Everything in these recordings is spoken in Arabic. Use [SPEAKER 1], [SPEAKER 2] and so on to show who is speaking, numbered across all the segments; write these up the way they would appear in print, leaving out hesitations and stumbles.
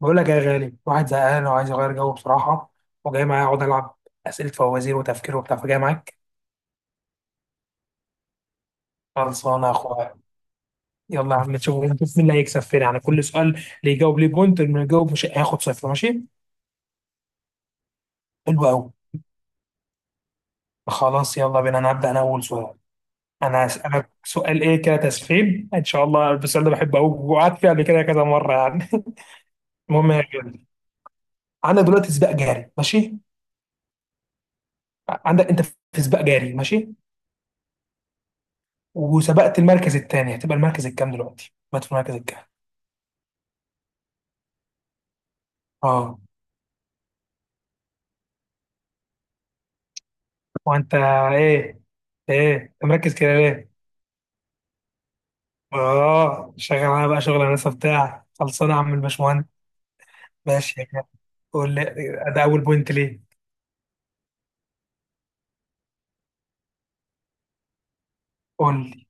[SPEAKER 1] بقول لك يا غالي، واحد زهقان وعايز يغير جو بصراحة. وجاي معايا اقعد العب أسئلة فوازير وتفكير وبتاع، فجاي معاك. خلصانة يا اخويا. يلا يا عم، نشوف مين اللي هيكسب فين، يعني كل سؤال اللي يجاوب ليه بوينت، اللي ما يجاوب مش هياخد صفر، ماشي؟ حلو قوي. خلاص يلا بينا، انا هبدأ، انا اول سؤال. انا هسألك سؤال، ايه كده تسخين ان شاء الله. السؤال ده بحبه قوي وقعدت فيه قبل كده كذا مرة يعني. المهم يا غالي، عندك دلوقتي سباق جاري، ماشي؟ عندك انت في سباق جاري، ماشي؟ وسبقت المركز الثاني، هتبقى المركز الكام دلوقتي؟ بقت في المركز الكام؟ اه. وانت. ايه. ايه انت مركز كده ليه؟ اه شغال. انا بقى شغل هندسه بتاع، خلصانه يا عم الباشمهندس. ماشي يا كده. قول لي. ده اول بوينت ليه. قول لي.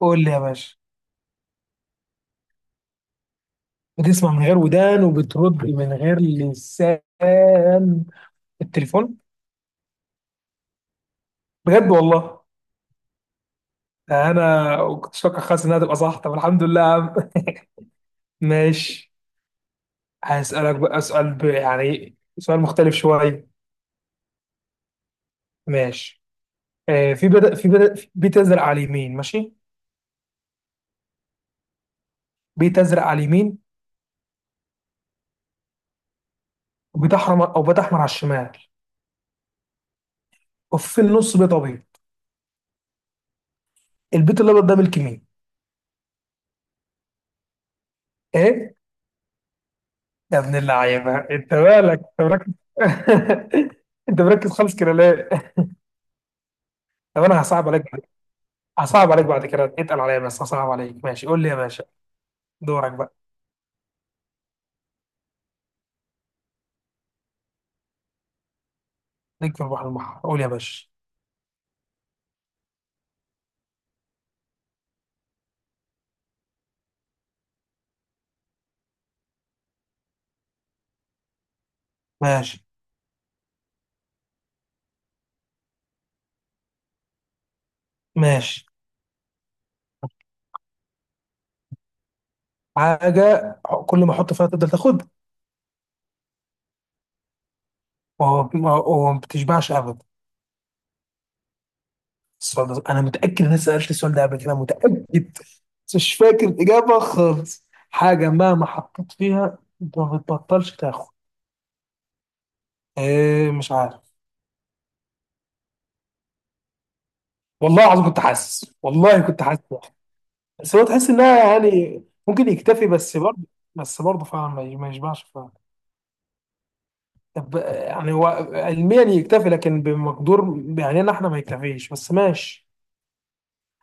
[SPEAKER 1] قول لي يا باشا. بتسمع من غير ودان وبترد من غير لسان. التليفون. بجد والله؟ ده انا كنت فاكر خالص انها تبقى صح، طب الحمد لله يا عم. ماشي. هسألك بقى سؤال يعني سؤال مختلف شويه. ماشي. في بيت يزرع على اليمين، ماشي؟ بيت ازرق على اليمين. وبيت احمر، او بيت احمر على الشمال. وفي النص بيت ابيض. البيت الابيض ده ملك مين؟ ايه؟ يا ابن اللعيبه، انت مالك؟ انت مركز. انت مركز خالص كده ليه؟ طب انا هصعب عليك بعد. هصعب عليك بعد كده، اتقل عليا بس هصعب عليك، ماشي؟ قول لي يا باشا. دورك بقى. ليك في البحر المحر، قول يا باشا. ماشي. ماشي. حاجه. كل ما احط فيها تفضل تاخد. ما هو ما بتشبعش ابدا. السؤال ده انا متاكد ان انا سالت السؤال ده قبل كده، متاكد. بس مش فاكر الاجابه خالص. حاجه مهما حطيت فيها ما بتبطلش تاخد. إيه، مش عارف. والله العظيم كنت حاسس، والله كنت حاسس. بس هو تحس انها يعني ممكن يكتفي، بس برضه. بس برضه فعلا ما يشبعش فعلا. طب يعني هو، علميا يكتفي، لكن بمقدور يعني إن احنا ما يكتفيش، بس ماشي.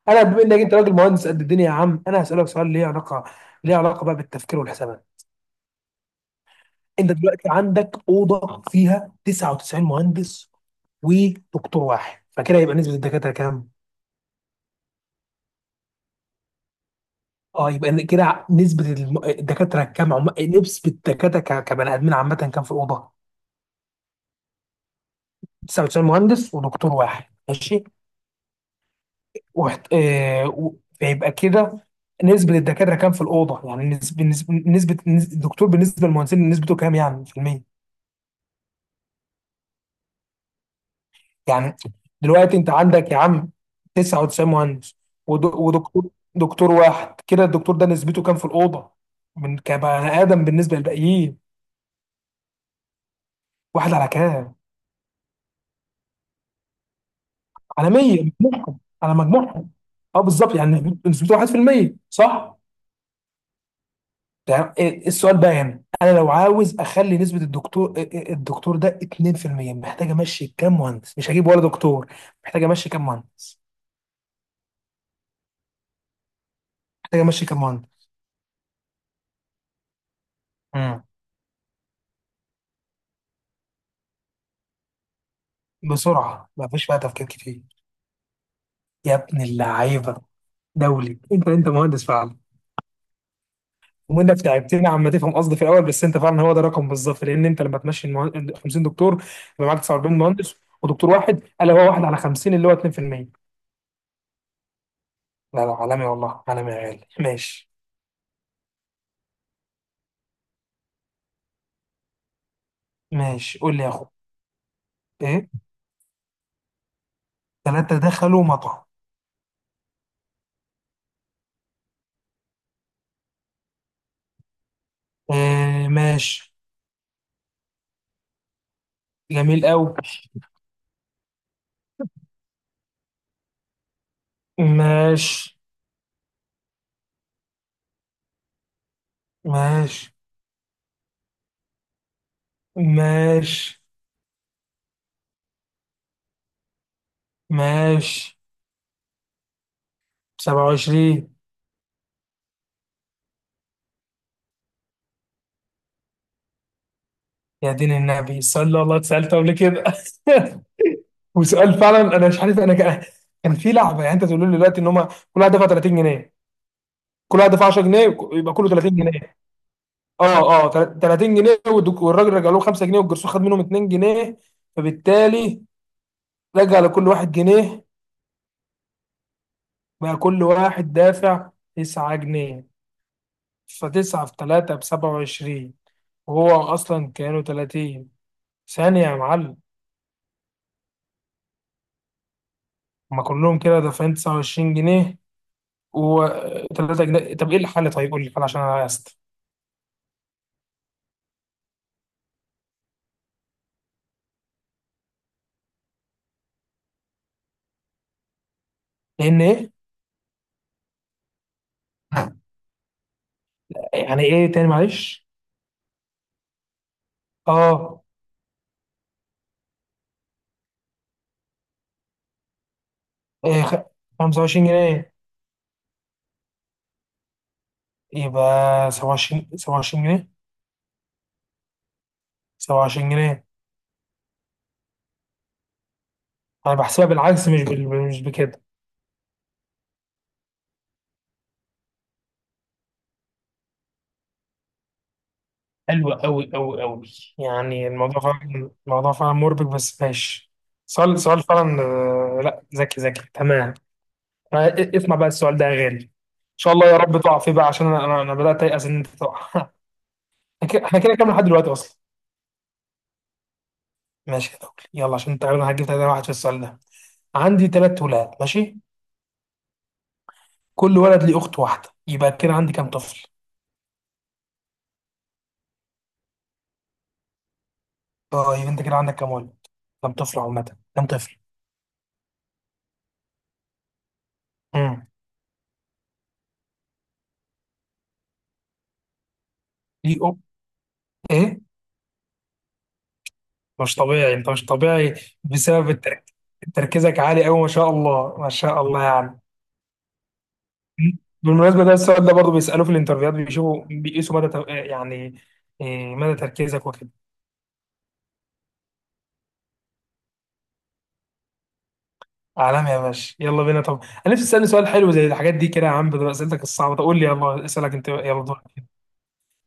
[SPEAKER 1] انا بما انك انت راجل مهندس قد الدنيا يا عم، انا هسالك سؤال ليه علاقه، ليه علاقه بقى بالتفكير والحسابات. انت دلوقتي عندك اوضه فيها 99 مهندس ودكتور واحد، فكده يبقى نسبه الدكاتره كام؟ اه، يبقى إن كده نسبه الدكاتره كام نسبه الدكاتره كبني ادمين عامه كام في الاوضه؟ 99 مهندس ودكتور واحد، ماشي؟ فيبقى كده نسبه الدكاتره كام في الاوضه؟ يعني الدكتور بالنسبه للمهندسين نسبته كام يعني في المية؟ يعني دلوقتي انت عندك يا عم 99 مهندس، ودكتور، دكتور واحد. كده الدكتور ده نسبته كام في الاوضه، من كبني ادم بالنسبه للباقيين؟ واحد على كام؟ على 100، مجموعهم، على مجموعهم. اه بالظبط، يعني نسبته 1%، صح. إيه السؤال بقى هنا، انا لو عاوز اخلي نسبه الدكتور الدكتور ده 2%، محتاج امشي كام مهندس، مش هجيب ولا دكتور. محتاج امشي كام مهندس. محتاج امشي كام مهندس. امم. بسرعه، ما فيش بقى تفكير كتير. يا ابن اللعيبه! دولي انت مهندس فعلا. وانك تعبتني عم تفهم قصدي في الاول، بس انت فعلا هو ده الرقم بالظبط، لان انت لما تمشي 50 دكتور يبقى معاك 49 مهندس، ودكتور واحد، قال هو واحد على 50 اللي هو 2%. لا لا، عالمي والله، عالمي يا غالي، ماشي. ماشي قول لي يا اخو. ايه. ثلاثه دخلوا مطعم. إيه ماشي. جميل قوي. ماشي. ماشي. ماشي. ماشي. 27. يا دين النبي، السؤال ده والله اتسألته قبل كده. وسؤال فعلا، انا مش عارف، انا كان كان في لعبه، يعني انت تقول لي دلوقتي ان هم كل واحد دفع 30 جنيه. كل واحد دفع 10 جنيه، يبقى كله 30 جنيه. 30 جنيه، والراجل رجع له 5 جنيه، والجرسون خد منهم 2 جنيه، فبالتالي رجع لكل واحد جنيه. بقى كل واحد دافع 9 جنيه، ف9 في 3 ب 27. وهو اصلا كانوا 30. ثانيه يا معلم. هما كلهم كده دافعين 29 جنيه، وثلاثة أجنبي. طب إيه الحل؟ طيب قول لي الحل عشان أنا عايز. لأن إيه؟ يعني إيه، تاني معلش. أه. إيه 25 جنيه، يبقى 27. 27 جنيه. 27 جنيه. أنا بحسبها بالعكس، مش بكده. حلو أوي أوي أوي. يعني الموضوع فعلا مربك، بس ماشي. سؤال فعلا، لا، ذكي تمام. اسمع بقى السؤال ده يا غالي، ان شاء الله يا رب تقع فيه بقى، عشان انا انا أنا بدات ايأس ان انت تقع. احنا كده إحنا كده كام لحد دلوقتي اصلا؟ ماشي يا دولي، يلا عشان تقريبا هجيب تلاتة واحد في السؤال ده. عندي تلات ولاد، ماشي؟ كل ولد ليه أخت واحدة، يبقى كده عندي كام طفل؟ طيب أنت كده عندك كام ولد؟ كام طفل عامة؟ كام طفل؟ امم. ليه أخت. إيه؟ مش طبيعي، أنت مش طبيعي. بسبب تركيزك عالي أوي، ما شاء الله ما شاء الله يعني. بالمناسبة ده السؤال ده برضه بيسألوه في الانترفيوهات، بيشوفوا بيقيسوا مدى يعني إيه، مدى تركيزك وكده. عالمي يا باشا، يلا بينا طب. انا نفسي تسالني سؤال حلو زي الحاجات دي كده يا عم، بدل اسئلتك الصعبه. طب قول لي، يلا اسالك انت، يلا دورك.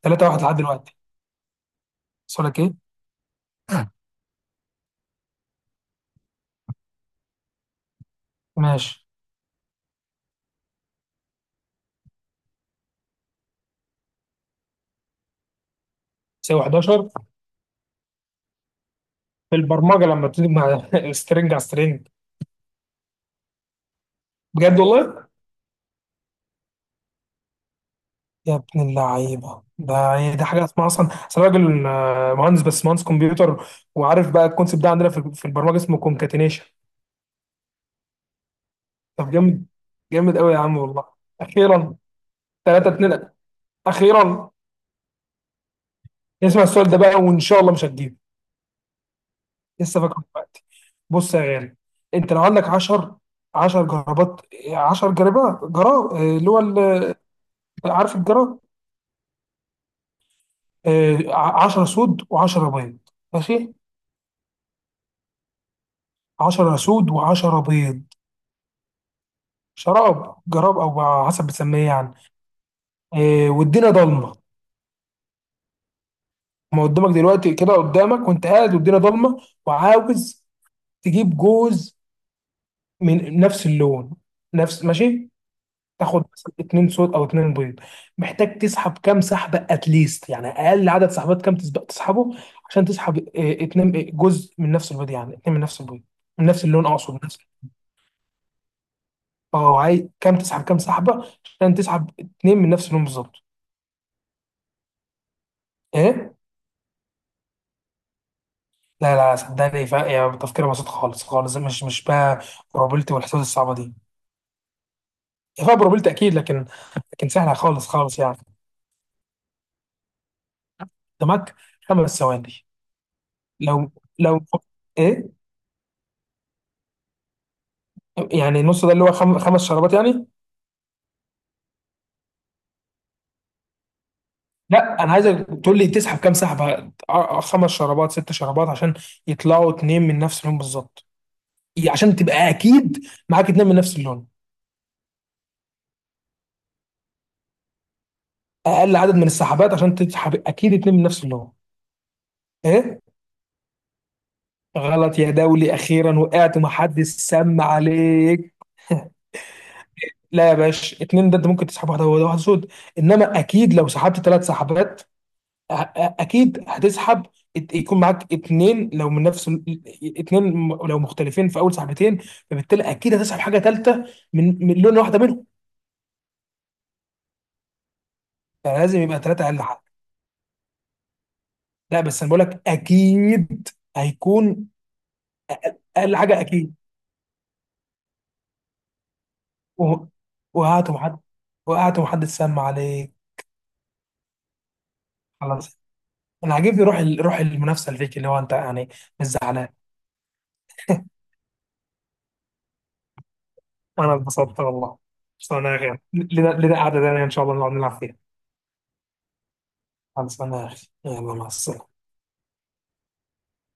[SPEAKER 1] ثلاثة واحد لحد دلوقتي. سؤالك ايه؟ ماشي. تساوي 11. في البرمجه لما بتيجي مع سترنج على سترنج. بجد والله. يا ابن اللعيبه، ده يعني ده حاجه اسمها اصلا، اصل راجل مهندس، بس مهندس كمبيوتر. وعارف بقى الكونسيبت ده عندنا في البرمجه اسمه كونكاتينيشن. طب جامد. جامد قوي يا عم والله. اخيرا! 3 2. اخيرا. اسمع السؤال ده بقى، وان شاء الله مش هتجيبه. لسه فاكره دلوقتي. بص يا غالي، انت لو عندك 10، 10 جرابات، 10 جرابات، جراب اللي هو عارف الجراب، 10 سود و10 بيض، ماشي؟ 10 سود و10 بيض، شراب، جراب، او على حسب بتسميه يعني، والدنيا ضلمه. ما قدامك دلوقتي، كده قدامك وانت قاعد والدنيا ضلمه، وعاوز تجيب جوز من نفس اللون، نفس، ماشي؟ تاخد مثلا اتنين صوت او اتنين بيض، محتاج تسحب كام سحبه اتليست، يعني اقل عدد سحبات كام تسبق تسحبه عشان تسحب اتنين جزء من نفس البيض، يعني اتنين من نفس البيض، من نفس اللون، اقصد من نفس. اه، عايز كام تسحب كام سحبه عشان تسحب اتنين من نفس اللون بالظبط؟ ايه. لا لا صدقني، فا يا تفكير بسيط خالص، مش بقى بروبابيلتي والحسابات الصعبه دي. هي فيها بروبابيلتي اكيد، لكن لكن سهله خالص يعني. قدامك 5 ثواني. لو، لو، ايه. يعني النص ده اللي هو خمس شرابات يعني. لا، انا عايزك تقول لي تسحب كام سحبه، خمس شرابات ست شرابات عشان يطلعوا اتنين من نفس اللون بالظبط. عشان تبقى اكيد معاك اتنين من نفس اللون. اقل عدد من السحبات عشان تسحب اكيد اتنين من نفس اللون. ايه. غلط يا دولي، اخيرا وقعت ومحدش سمع عليك. لا يا باشا، اتنين ده انت ممكن تسحب واحده واحده واحده سود. انما اكيد لو سحبت 3 سحبات، اكيد هتسحب، يكون معاك اتنين لو من نفس اتنين لو مختلفين في اول سحبتين، فبالتالي اكيد هتسحب حاجه ثالثه من لون واحده منهم. يعني لازم يبقى ثلاثه اقل حاجه. لا بس انا بقول لك اكيد هيكون أقل حاجه اكيد. و- وقعت ومحد وقعت ومحدش سمع عليك. خلاص. انا عاجبني روح روح المنافسه اللي فيك، اللي هو انت يعني. مش زعلان. انا اتبسطت والله. خلصانه يا اخي، لنا قعده تانيه ان شاء الله نقعد نلعب فيها. خلصانه يا اخي، يلا مع السلامه.